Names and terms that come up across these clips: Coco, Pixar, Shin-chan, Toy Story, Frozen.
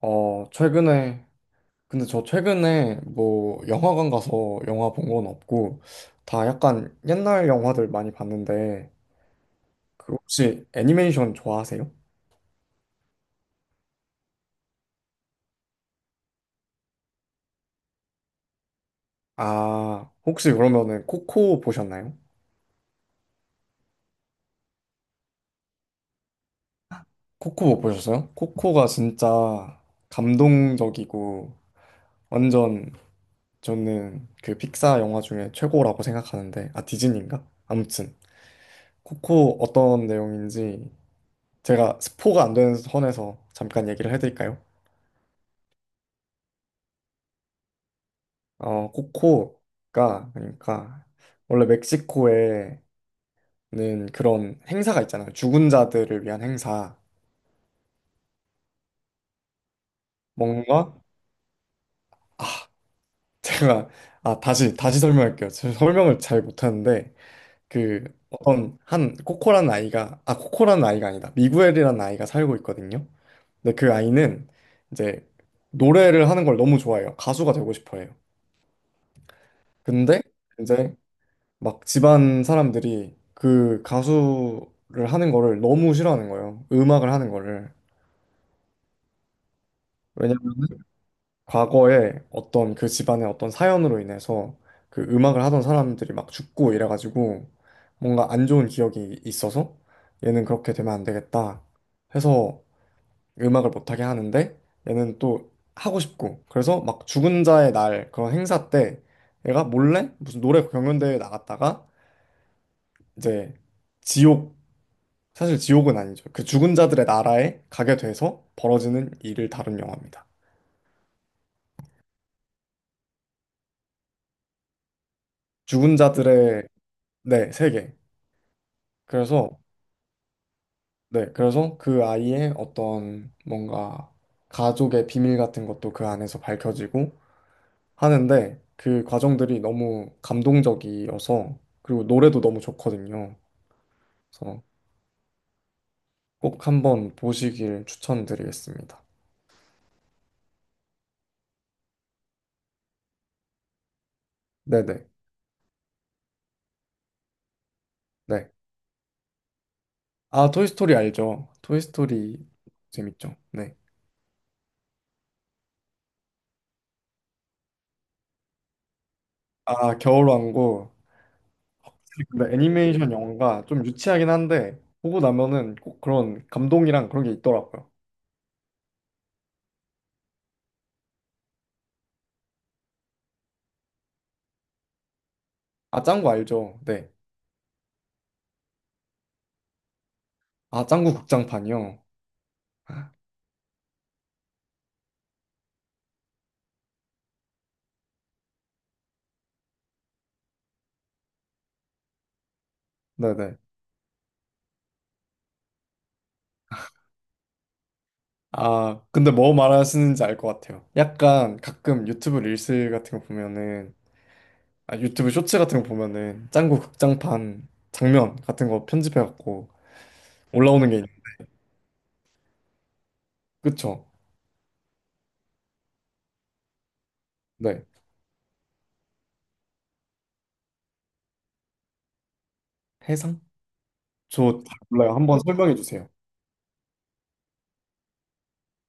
최근에, 근데 저 최근에 뭐 영화관 가서 영화 본 건 없고, 다 약간 옛날 영화들 많이 봤는데, 그 혹시 애니메이션 좋아하세요? 아, 혹시 그러면은 코코 보셨나요? 코코 못 보셨어요? 코코가 진짜 감동적이고, 완전 저는 그 픽사 영화 중에 최고라고 생각하는데, 아, 디즈니인가? 아무튼, 코코 어떤 내용인지 제가 스포가 안 되는 선에서 잠깐 얘기를 해드릴까요? 코코가 그러니까 원래 멕시코에는 그런 행사가 있잖아요. 죽은 자들을 위한 행사. 뭔가 아, 제가 아, 다시 다시 설명할게요. 제가 설명을 잘 못하는데 그 어떤 한 코코라는 아이가 아, 코코라는 아이가 아니다. 미구엘이라는 아이가 살고 있거든요. 근데 그 아이는 이제 노래를 하는 걸 너무 좋아해요. 가수가 되고 싶어 해요. 근데 이제 막 집안 사람들이 그 가수를 하는 거를 너무 싫어하는 거예요. 음악을 하는 거를. 왜냐면 과거에 어떤 그 집안의 어떤 사연으로 인해서 그 음악을 하던 사람들이 막 죽고 이래가지고 뭔가 안 좋은 기억이 있어서 얘는 그렇게 되면 안 되겠다 해서 음악을 못하게 하는데 얘는 또 하고 싶고 그래서 막 죽은 자의 날 그런 행사 때 얘가 몰래 무슨 노래 경연대회에 나갔다가 이제 지옥 사실 지옥은 아니죠. 그 죽은 자들의 나라에 가게 돼서 벌어지는 일을 다룬 영화입니다. 죽은 자들의, 네, 세계. 그래서 네, 그래서 그 아이의 어떤 뭔가 가족의 비밀 같은 것도 그 안에서 밝혀지고 하는데 그 과정들이 너무 감동적이어서 그리고 노래도 너무 좋거든요. 그래서 꼭 한번 보시길 추천드리겠습니다. 네네. 네. 아, 토이스토리 알죠? 토이스토리 재밌죠? 네. 아, 겨울왕국. 근데 애니메이션 영화가 좀 유치하긴 한데 보고 나면은 꼭 그런 감동이랑 그런 게 있더라고요. 아 짱구 알죠? 네. 아 짱구 극장판이요. 네네. 아 근데 뭐 말하시는지 알 것 같아요. 약간 가끔 유튜브 릴스 같은 거 보면은 아 유튜브 쇼츠 같은 거 보면은 짱구 극장판 장면 같은 거 편집해갖고 올라오는 게 있... 그쵸? 네. 해상? 저 몰라요. 한번 설명해 주세요.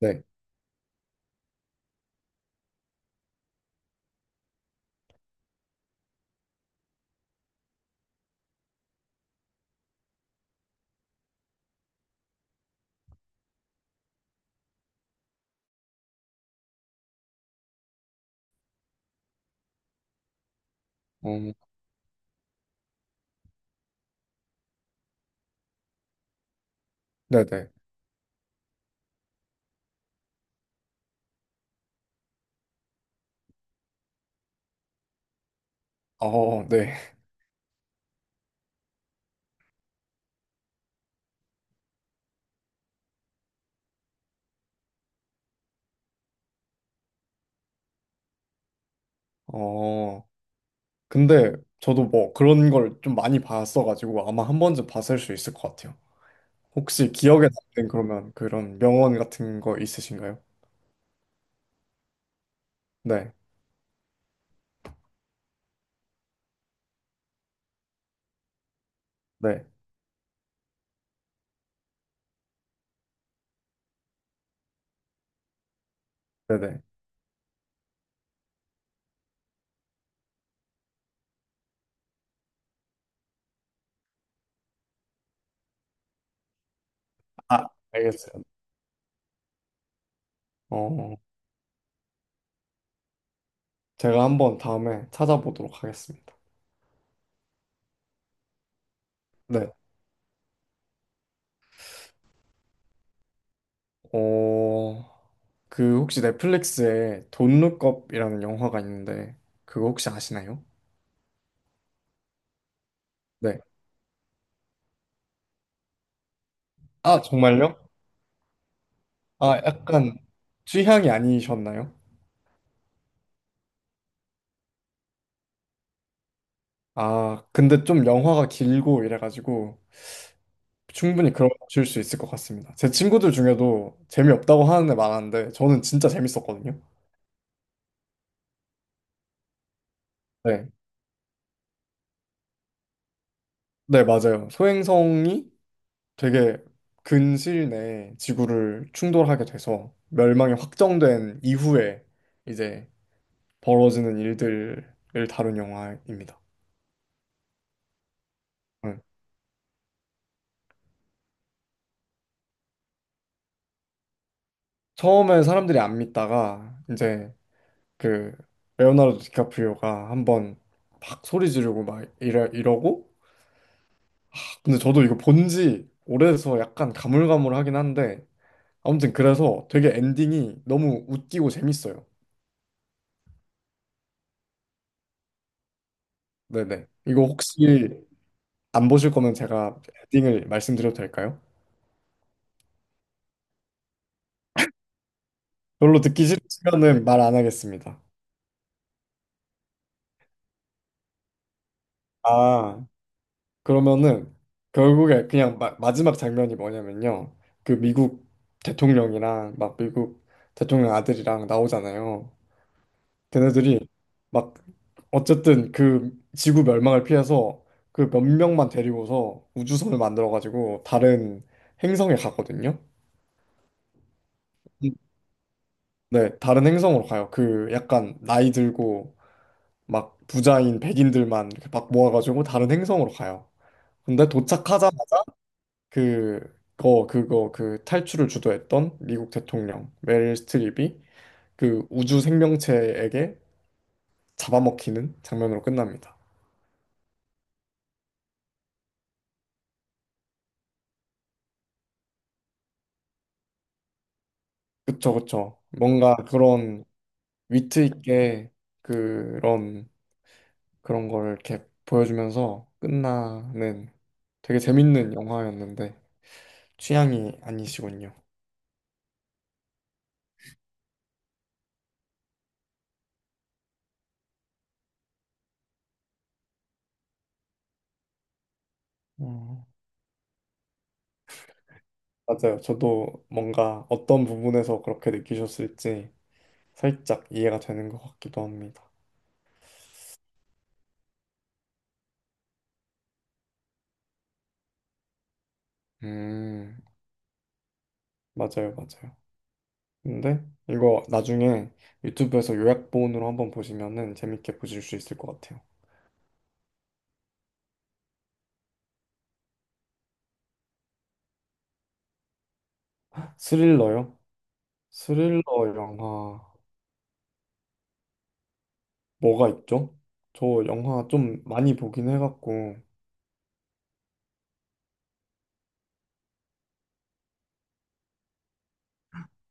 네. 어, 네네. 어, 네. 어. 근데 저도 뭐 그런 걸 좀 많이 봤어가지고 아마 한 번쯤 봤을 수 있을 것 같아요. 혹시 기억에 남는 그러면 그런 명언 같은 거 있으신가요? 네, 네, 네네. 아, 알겠어요. 어, 제가 한번 다음에 찾아보도록 하겠습니다. 네. 어, 그 혹시 넷플릭스에 돈룩업이라는 영화가 있는데 그거 혹시 아시나요? 네. 아, 정말요? 아, 약간 취향이 아니셨나요? 아, 근데 좀 영화가 길고 이래가지고 충분히 그런 거 보실 수 있을 것 같습니다. 제 친구들 중에도 재미없다고 하는 애 많았는데 저는 진짜 재밌었거든요. 네, 네, 맞아요. 소행성이 되게 근시일 내에 지구를 충돌하게 돼서 멸망이 확정된 이후에 이제 벌어지는 일들을 다룬 영화입니다. 응. 처음에 사람들이 안 믿다가 이제 그 레오나르도 디카프리오가 한번 막 소리 지르고 막 이러고 근데 저도 이거 본지 오래돼서 약간 가물가물하긴 한데 아무튼 그래서 되게 엔딩이 너무 웃기고 재밌어요. 네네. 이거 혹시 안 보실 거면 제가 엔딩을 말씀드려도 될까요? 별로 듣기 싫으시면은 말 안 하겠습니다. 아, 그러면은 결국에 그냥 마지막 장면이 뭐냐면요. 그 미국 대통령이랑 막 미국 대통령 아들이랑 나오잖아요. 걔네들이 막 어쨌든 그 지구 멸망을 피해서 그 몇 명만 데리고서 우주선을 만들어가지고 다른 행성에 가거든요. 음, 네, 다른 행성으로 가요. 그 약간 나이 들고 막 부자인 백인들만 이렇게 막 모아가지고 다른 행성으로 가요. 근데 도착하자마자 그, 그 탈출을 주도했던 미국 대통령 메릴 스트립이 그 우주 생명체에게 잡아먹히는 장면으로 끝납니다. 그쵸, 그쵸. 뭔가 그런 위트 있게 그런 그런 걸 이렇게 보여주면서 끝나는 되게 재밌는 영화였는데 취향이 아니시군요. 음. 맞아요. 저도 뭔가 어떤 부분에서 그렇게 느끼셨을지 살짝 이해가 되는 것 같기도 합니다. 음, 맞아요, 맞아요. 근데 이거 나중에 유튜브에서 요약본으로 한번 보시면은 재밌게 보실 수 있을 것 같아요. 스릴러요? 스릴러 영화. 뭐가 있죠? 저 영화 좀 많이 보긴 해갖고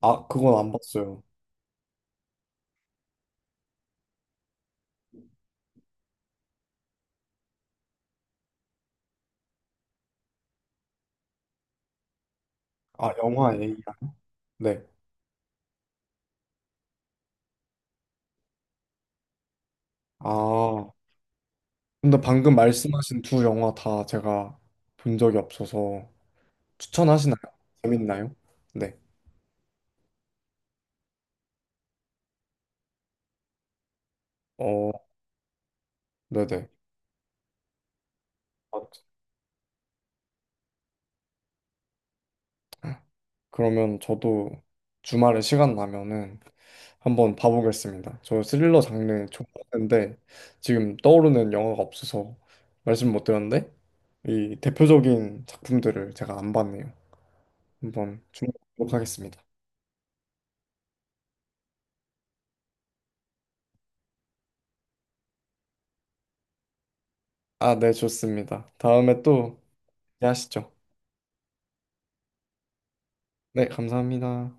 아 그건 안 봤어요. 아 영화 A 네. 아 근데 방금 말씀하신 두 영화 다 제가 본 적이 없어서 추천하시나요? 재밌나요? 네. 어 네네. 아, 그러면 저도 주말에 시간 나면은 한번 봐보겠습니다. 저 스릴러 장르 좋아하는데 지금 떠오르는 영화가 없어서 말씀 못 드렸는데 이 대표적인 작품들을 제가 안 봤네요. 한번 주목하겠습니다. 아, 네, 좋습니다. 다음에 또 얘기하시죠. 네, 감사합니다.